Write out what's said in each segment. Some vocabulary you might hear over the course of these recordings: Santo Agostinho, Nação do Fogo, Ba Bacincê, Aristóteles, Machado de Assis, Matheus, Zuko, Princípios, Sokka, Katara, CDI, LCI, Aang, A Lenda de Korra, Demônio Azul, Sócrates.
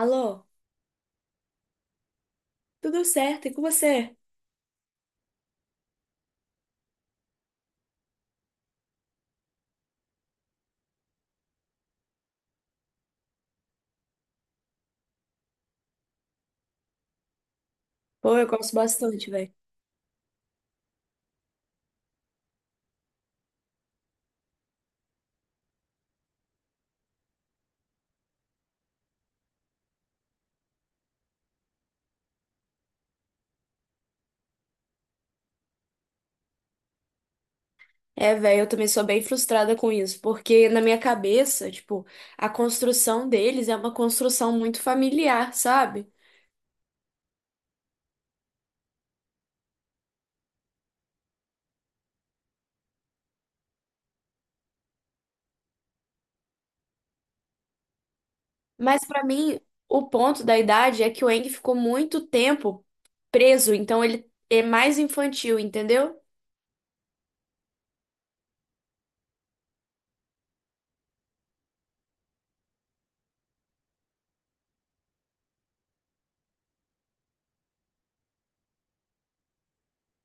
Alô, tudo certo? E com você? Pô, eu gosto bastante, velho. É, velho, eu também sou bem frustrada com isso, porque na minha cabeça, tipo, a construção deles é uma construção muito familiar, sabe? Mas pra mim, o ponto da idade é que o Aang ficou muito tempo preso, então ele é mais infantil, entendeu?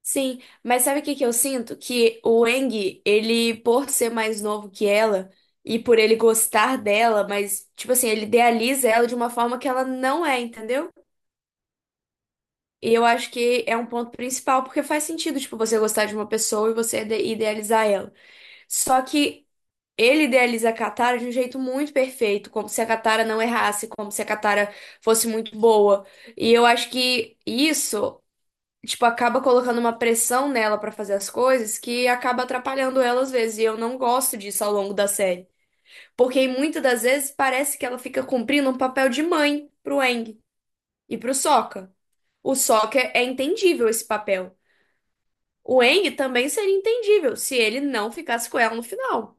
Sim, mas sabe o que que eu sinto? Que o Eng, ele, por ser mais novo que ela e por ele gostar dela, mas, tipo assim, ele idealiza ela de uma forma que ela não é, entendeu? E eu acho que é um ponto principal, porque faz sentido, tipo, você gostar de uma pessoa e você idealizar ela. Só que ele idealiza a Katara de um jeito muito perfeito, como se a Katara não errasse, como se a Katara fosse muito boa. E eu acho que isso tipo, acaba colocando uma pressão nela pra fazer as coisas que acaba atrapalhando ela às vezes. E eu não gosto disso ao longo da série. Porque muitas das vezes parece que ela fica cumprindo um papel de mãe pro Aang e pro Sokka. O Sokka é entendível esse papel. O Aang também seria entendível se ele não ficasse com ela no final.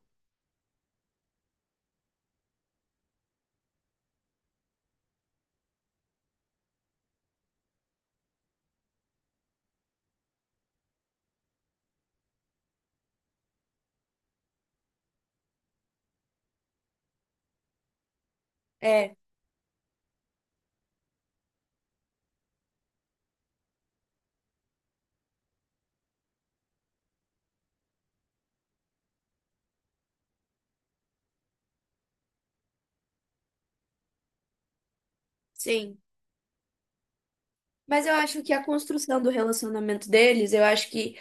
É, sim. Mas eu acho que a construção do relacionamento deles, eu acho que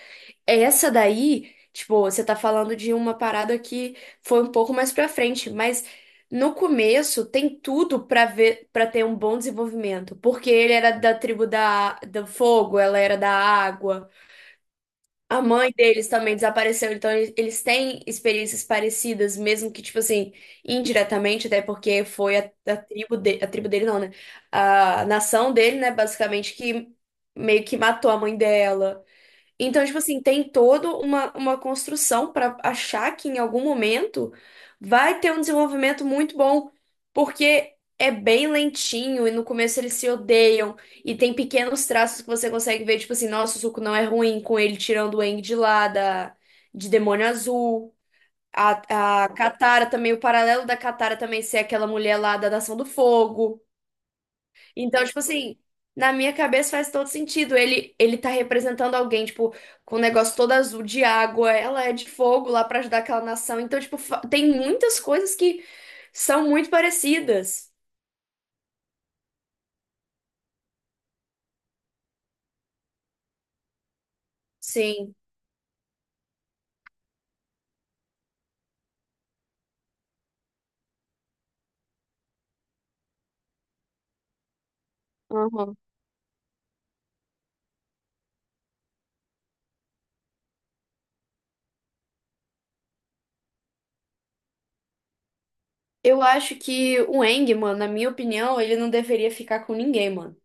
essa daí, tipo, você tá falando de uma parada que foi um pouco mais pra frente, mas no começo tem tudo pra ver, para ter um bom desenvolvimento, porque ele era da tribo da, do fogo, ela era da água. A mãe deles também desapareceu, então eles têm experiências parecidas, mesmo que, tipo assim, indiretamente, até porque foi a tribo de, a tribo dele não, né? A nação dele, né, basicamente, que meio que matou a mãe dela. Então, tipo assim, tem toda uma construção para achar que em algum momento vai ter um desenvolvimento muito bom, porque é bem lentinho e no começo eles se odeiam e tem pequenos traços que você consegue ver, tipo assim, nossa, o Zuko não é ruim com ele tirando o Aang de lá da, de Demônio Azul. A Katara também, o paralelo da Katara também ser aquela mulher lá da Nação do Fogo. Então, tipo assim, na minha cabeça faz todo sentido. Ele tá representando alguém, tipo, com o negócio todo azul de água, ela é de fogo lá pra ajudar aquela nação. Então, tipo, tem muitas coisas que são muito parecidas. Sim. Aham. Eu acho que o Eng, mano, na minha opinião, ele não deveria ficar com ninguém, mano.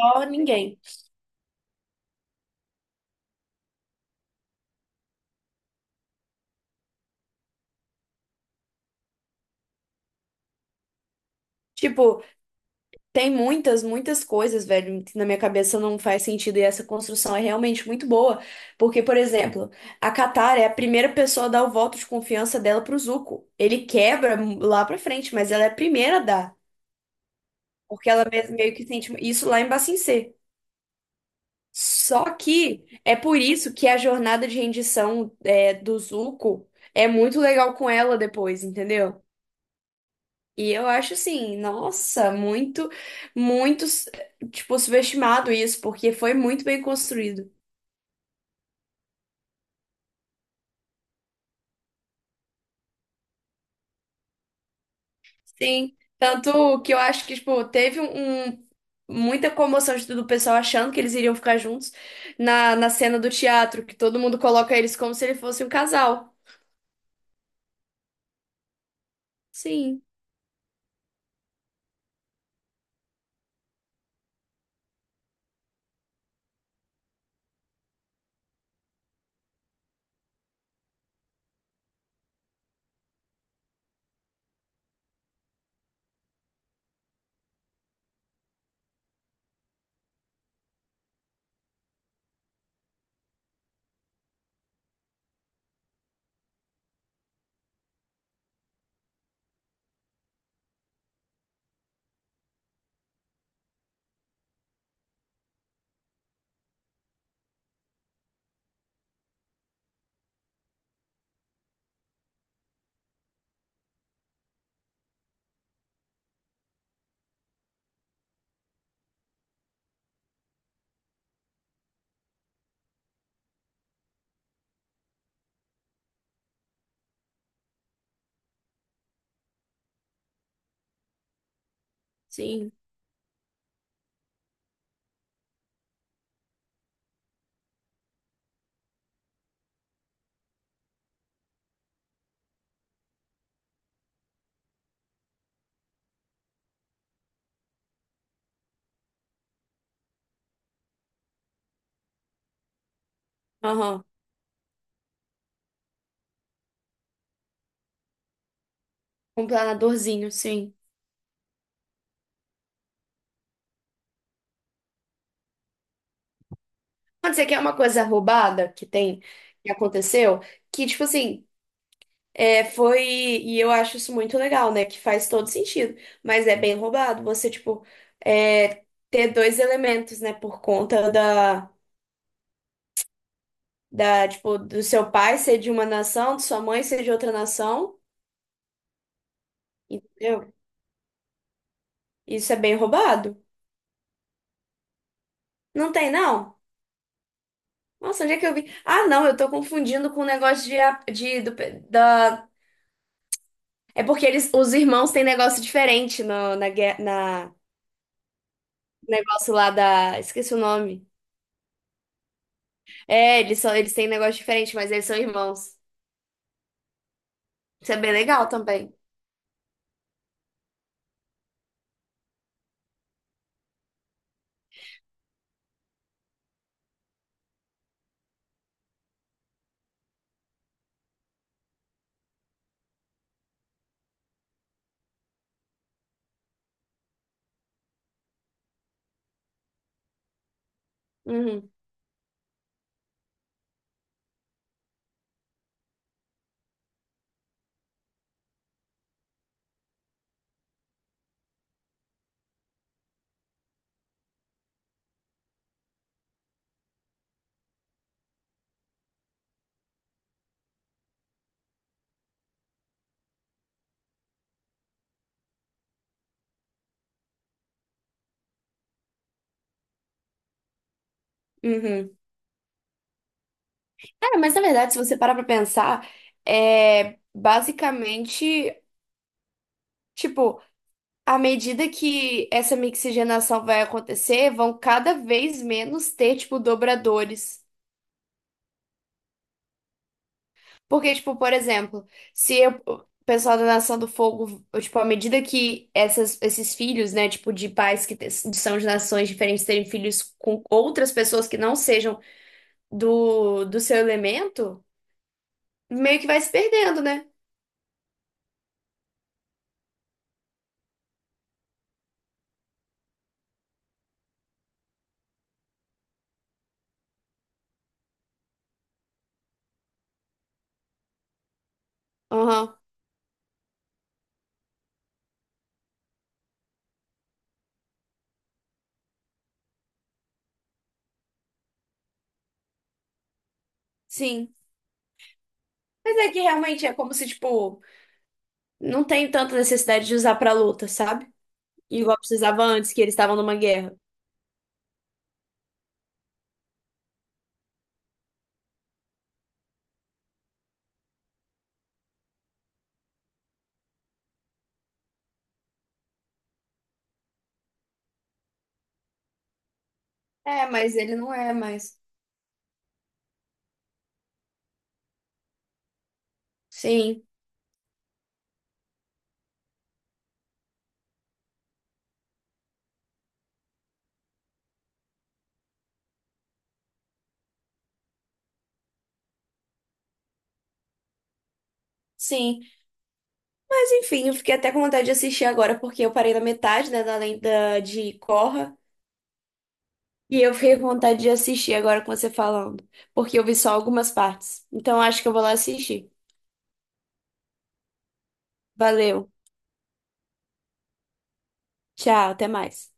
Só ninguém. Tipo, tem muitas, muitas coisas, velho, que na minha cabeça não faz sentido e essa construção é realmente muito boa. Porque, por exemplo, a Catar é a primeira pessoa a dar o voto de confiança dela pro Zuko. Ele quebra lá pra frente, mas ela é a primeira a dar. Porque ela meio que sente isso lá em Ba Bacincê. Só que é por isso que a jornada de rendição é, do Zuko é muito legal com ela depois, entendeu? E eu acho assim, nossa, muito, muito, tipo, subestimado isso, porque foi muito bem construído. Sim. Tanto que eu acho que, tipo, teve muita comoção tudo, o pessoal achando que eles iriam ficar juntos na, na cena do teatro, que todo mundo coloca eles como se ele fosse um casal. Sim, sim. Aham. Um planadorzinho, sim. Mas isso aqui é uma coisa roubada que tem, que aconteceu, que, tipo assim. É, foi. E eu acho isso muito legal, né? Que faz todo sentido. Mas é bem roubado você, tipo, é, ter dois elementos, né? Por conta da, da, tipo, do seu pai ser de uma nação, de sua mãe ser de outra nação. Entendeu? Isso é bem roubado. Não tem, não? Nossa, onde é que eu vi? Ah, não, eu tô confundindo com o negócio de, de do, da. É porque eles, os irmãos têm negócio diferente no, na, na negócio lá da. Esqueci o nome. É, eles são, eles têm um negócio diferente, mas eles são irmãos. Isso é bem legal também. Uhum, uhum. É, mas na verdade, se você parar pra pensar, é basicamente, tipo, à medida que essa mixigenação vai acontecer, vão cada vez menos ter, tipo, dobradores. Porque, tipo, por exemplo, se eu- o pessoal da Nação do Fogo, tipo, à medida que essas, esses filhos, né, tipo, de pais que são de nações diferentes terem filhos com outras pessoas que não sejam do, do seu elemento, meio que vai se perdendo, né? Aham, sim. Mas é que realmente é como se, tipo, não tem tanta necessidade de usar pra luta, sabe? Igual precisava antes, que eles estavam numa guerra. É, mas ele não é mais. Sim, sim. Mas enfim, eu fiquei até com vontade de assistir agora, porque eu parei na metade, né, da lenda de Korra. E eu fiquei com vontade de assistir agora com você falando, porque eu vi só algumas partes. Então acho que eu vou lá assistir. Valeu. Tchau, até mais.